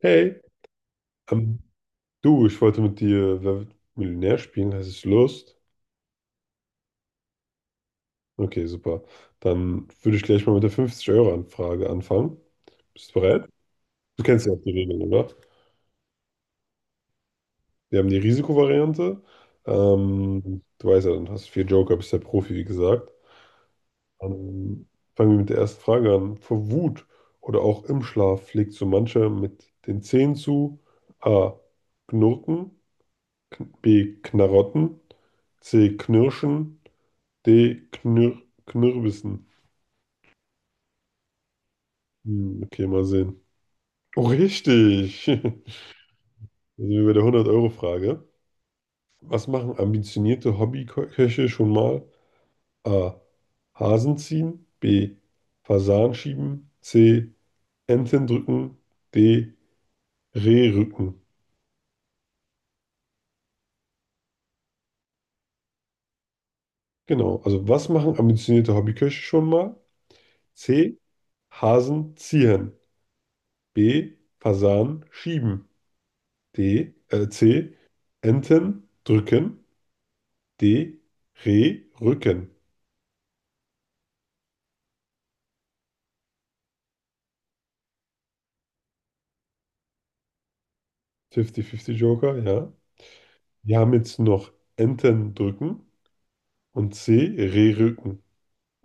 Hey, ähm, du, ich wollte mit dir Wer wird Millionär spielen. Hast du Lust? Okay, super. Dann würde ich gleich mal mit der 50 Euro Anfrage anfangen. Bist du bereit? Du kennst ja auch die Regeln, oder? Wir haben die Risikovariante. Du weißt ja, dann hast du vier Joker, bist der Profi, wie gesagt. Dann fangen wir mit der ersten Frage an. Vor Wut oder auch im Schlaf schlägt so mancher mit den Zähnen zu. A. Knurken. B. Knarotten. C. Knirschen. D. Knirbissen. Hm, okay, mal sehen. Oh, richtig. Da sind wir bei der 100-Euro-Frage. Was machen ambitionierte Hobbyköche schon mal? A. Hasen ziehen. B. Fasan schieben. C. Enten drücken. D. Reh rücken. Genau. Also, was machen ambitionierte Hobbyköche schon mal? C. Hasen ziehen. B. Fasan schieben. D. C. Enten drücken. D, Re, Rücken. 50-50 Joker, ja. Wir haben jetzt noch Enten drücken und C, Re, Rücken.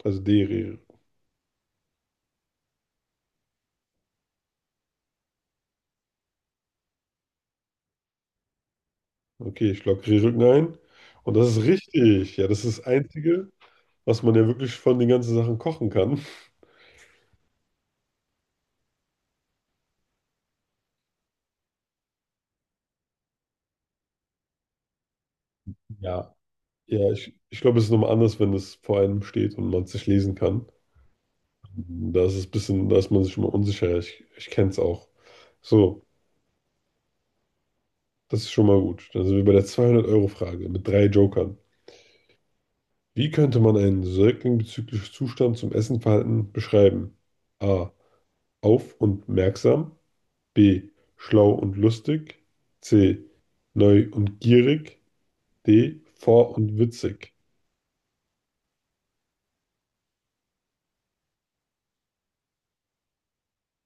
Also D, Re, Rücken. Okay, ich logge Re, Rücken ein. Und das ist richtig. Ja, das ist das Einzige, was man ja wirklich von den ganzen Sachen kochen kann. Ja. Ja, ich glaube, es ist nochmal anders, wenn es vor einem steht und man es nicht lesen kann. Da ist es ein bisschen, da ist man sich schon mal unsicher. Ich kenne es auch. So, das ist schon mal gut. Dann sind wir bei der 200 Euro Frage mit drei Jokern. Wie könnte man einen Säugling bezüglich Zustand zum Essenverhalten beschreiben? A. Auf und merksam. B. Schlau und lustig. C. Neu und gierig. D. Vor und witzig.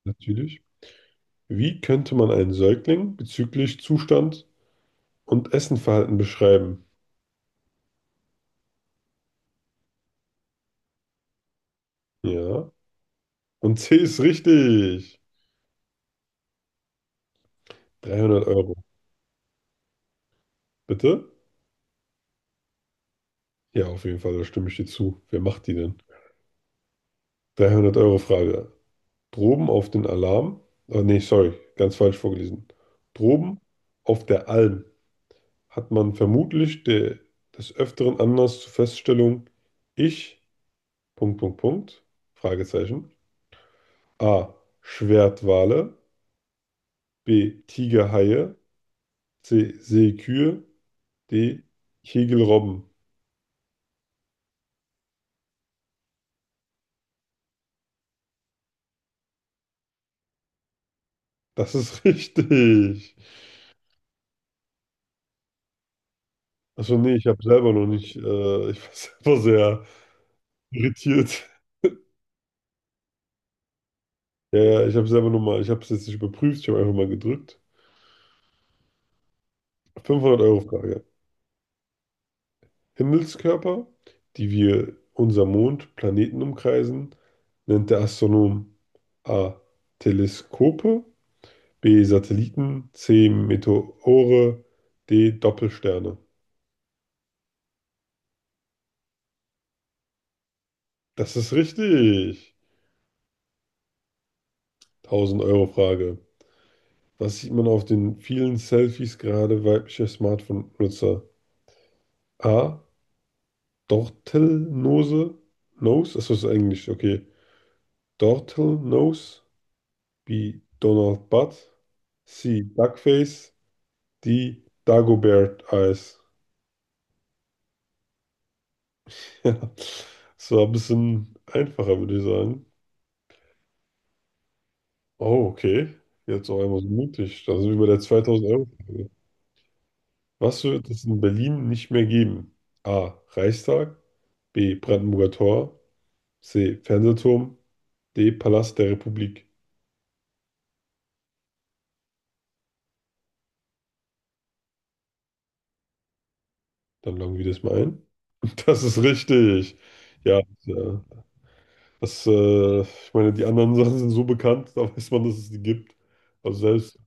Natürlich. Wie könnte man einen Säugling bezüglich Zustand und Essenverhalten beschreiben? Ja. Und C ist richtig. 300 Euro. Bitte? Ja, auf jeden Fall, da stimme ich dir zu. Wer macht die denn? 300 Euro Frage. Droben auf den Alarm, oh nee, sorry, ganz falsch vorgelesen. Droben auf der Alm hat man vermutlich des Öfteren Anlass zur Feststellung, ich, Punkt, Punkt, Punkt, Fragezeichen, A. Schwertwale, B. Tigerhaie, C. Seekühe, D. Kegelrobben. Das ist richtig. Achso, nee, ich habe selber noch nicht, ich war selber sehr irritiert. Ja, ja, ich habe selber noch mal, ich habe es jetzt nicht überprüft, ich habe einfach mal gedrückt. 500-Euro-Frage. Himmelskörper, die wir unser Mond, Planeten umkreisen, nennt der Astronom A. Teleskope, B. Satelliten, C. Meteore, D. Doppelsterne. Das ist richtig. 1000-Euro-Frage. Was sieht man auf den vielen Selfies gerade weiblicher Smartphone-Nutzer? A. Dortelnose. Nose? Achso, das ist Englisch, okay. Dortelnose, wie Donald Butt, C. Duckface, D. Dagobert Eyes. Ja, das war ein bisschen einfacher, würde ich sagen. Oh, okay. Jetzt auch einmal so mutig. Da sind wir bei der 2000-Euro-Frage. Was wird es in Berlin nicht mehr geben? A. Reichstag, B. Brandenburger Tor, C. Fernsehturm, D. Palast der Republik. Dann loggen wir das mal ein. Das ist richtig. Ja, ja. Das, ich meine, die anderen Sachen sind so bekannt, da weiß man, dass es die gibt. Also selbst,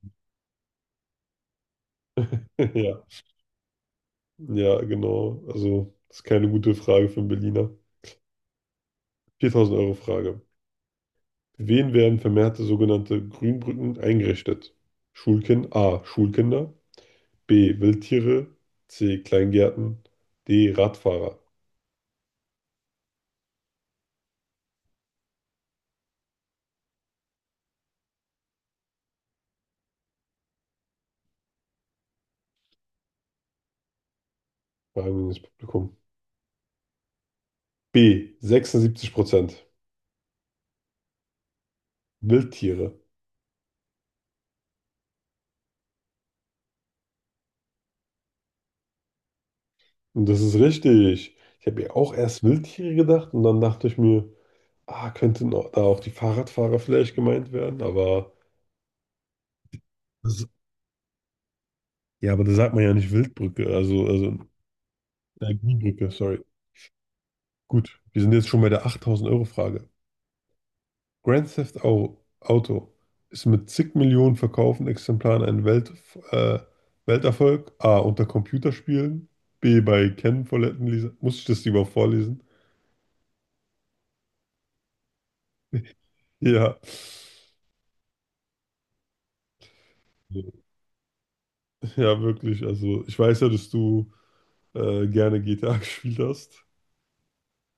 ja, ja, genau. Also, das ist keine gute Frage für einen Berliner. 4000-Euro-Frage. Wen werden vermehrte sogenannte Grünbrücken eingerichtet? Schulkind A. Schulkinder. B. Wildtiere. C. Kleingärten. D. Radfahrer. Fragen wir ins Publikum. B. 76%. Wildtiere. Und das ist richtig. Ich habe ja auch erst Wildtiere gedacht und dann dachte ich mir, ah, könnten da auch die Fahrradfahrer vielleicht gemeint werden, aber das, ja, aber da sagt man ja nicht Wildbrücke, also, Grünbrücke, sorry. Gut, wir sind jetzt schon bei der 8000-Euro-Frage. Grand Theft Auto ist mit zig Millionen verkauften Exemplaren ein äh, Welterfolg. A, unter Computerspielen. B, bei Ken-Foletten. Muss ich das lieber vorlesen? Ja. Ja, wirklich. Also, ich weiß ja, dass du gerne GTA gespielt hast.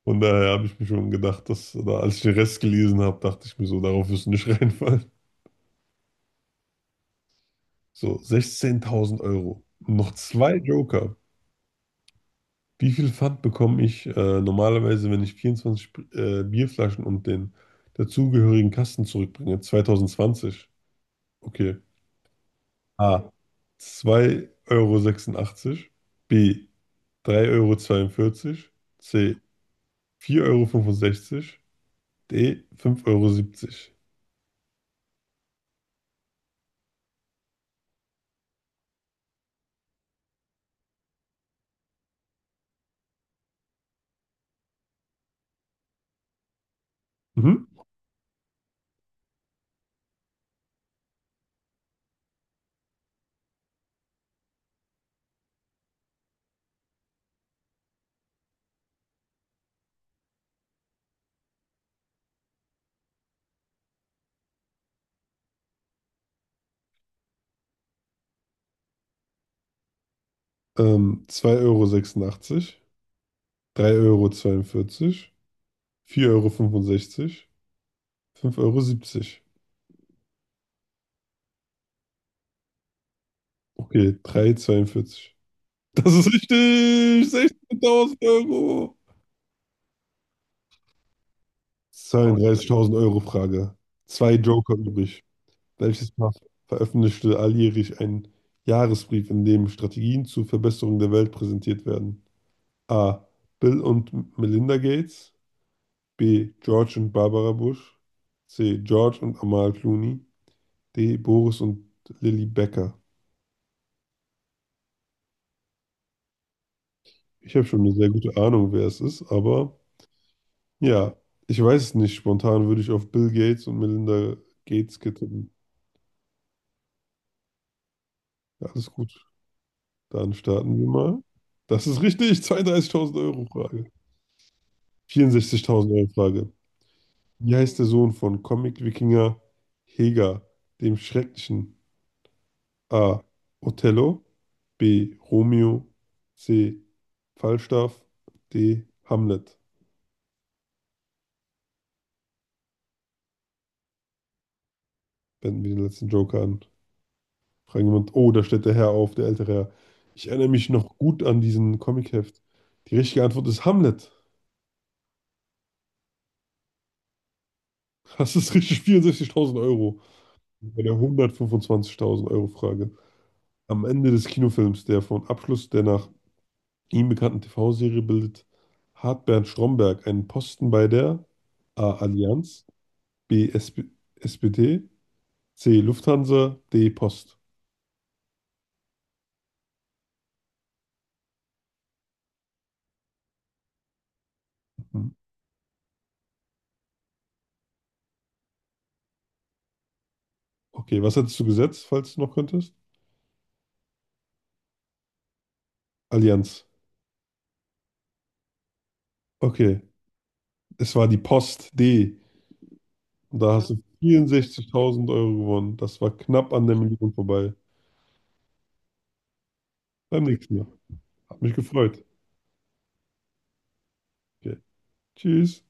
Von daher habe ich mir schon gedacht, dass, oder als ich den Rest gelesen habe, dachte ich mir so, darauf wirst du nicht reinfallen. So, 16.000 Euro. Noch zwei Joker. Wie viel Pfand bekomme ich normalerweise, wenn ich 24 Bierflaschen und den dazugehörigen Kasten zurückbringe? 2020. Okay. A. zwei Euro sechsundachtzig. B. drei Euro zweiundvierzig. C. vier Euro fünfundsechzig. D. fünf Euro siebzig. Mhm. 2,86 Euro, sechsundachtzig, drei Euro, zweiundvierzig, vier Euro, fünfundsechzig, fünf Euro, siebzig. Okay, drei Euro zweiundvierzig. Das ist richtig! 16.000 Euro! 32.000 Euro Frage. Zwei Joker übrig. Welches Paar veröffentlichte alljährlich einen Jahresbrief, in dem Strategien zur Verbesserung der Welt präsentiert werden? A. Bill und Melinda Gates. B. George und Barbara Bush. C. George und Amal Clooney. D. Boris und Lilly Becker. Ich habe schon eine sehr gute Ahnung, wer es ist, aber ja, ich weiß es nicht. Spontan würde ich auf Bill Gates und Melinda Gates tippen. Ja, alles gut. Dann starten wir mal. Das ist richtig. 32.000 Euro Frage. 64.000 Euro Frage. Wie heißt der Sohn von Comic-Wikinger Heger, dem Schrecklichen? A. Othello. B. Romeo. C. Falstaff. D. Hamlet. Wenden wir den letzten Joker an. Fragen jemand, oh, da steht der Herr auf, der ältere Herr. Ich erinnere mich noch gut an diesen Comicheft. Die richtige Antwort ist Hamlet. Das ist richtig, 64.000 Euro. Bei der 125.000 Euro Frage. Am Ende des Kinofilms, der von Abschluss der nach ihm bekannten TV-Serie bildet, hat Bernd Stromberg einen Posten bei der A. Allianz, B. SP SPD, C. Lufthansa, D. Post. Mhm. Okay, was hättest du gesetzt, falls du noch könntest? Allianz. Okay, es war die Post D. Und da hast, ja, du 64.000 Euro gewonnen. Das war knapp an der Million vorbei. Beim nächsten Mal. Hat mich gefreut. Okay. Tschüss.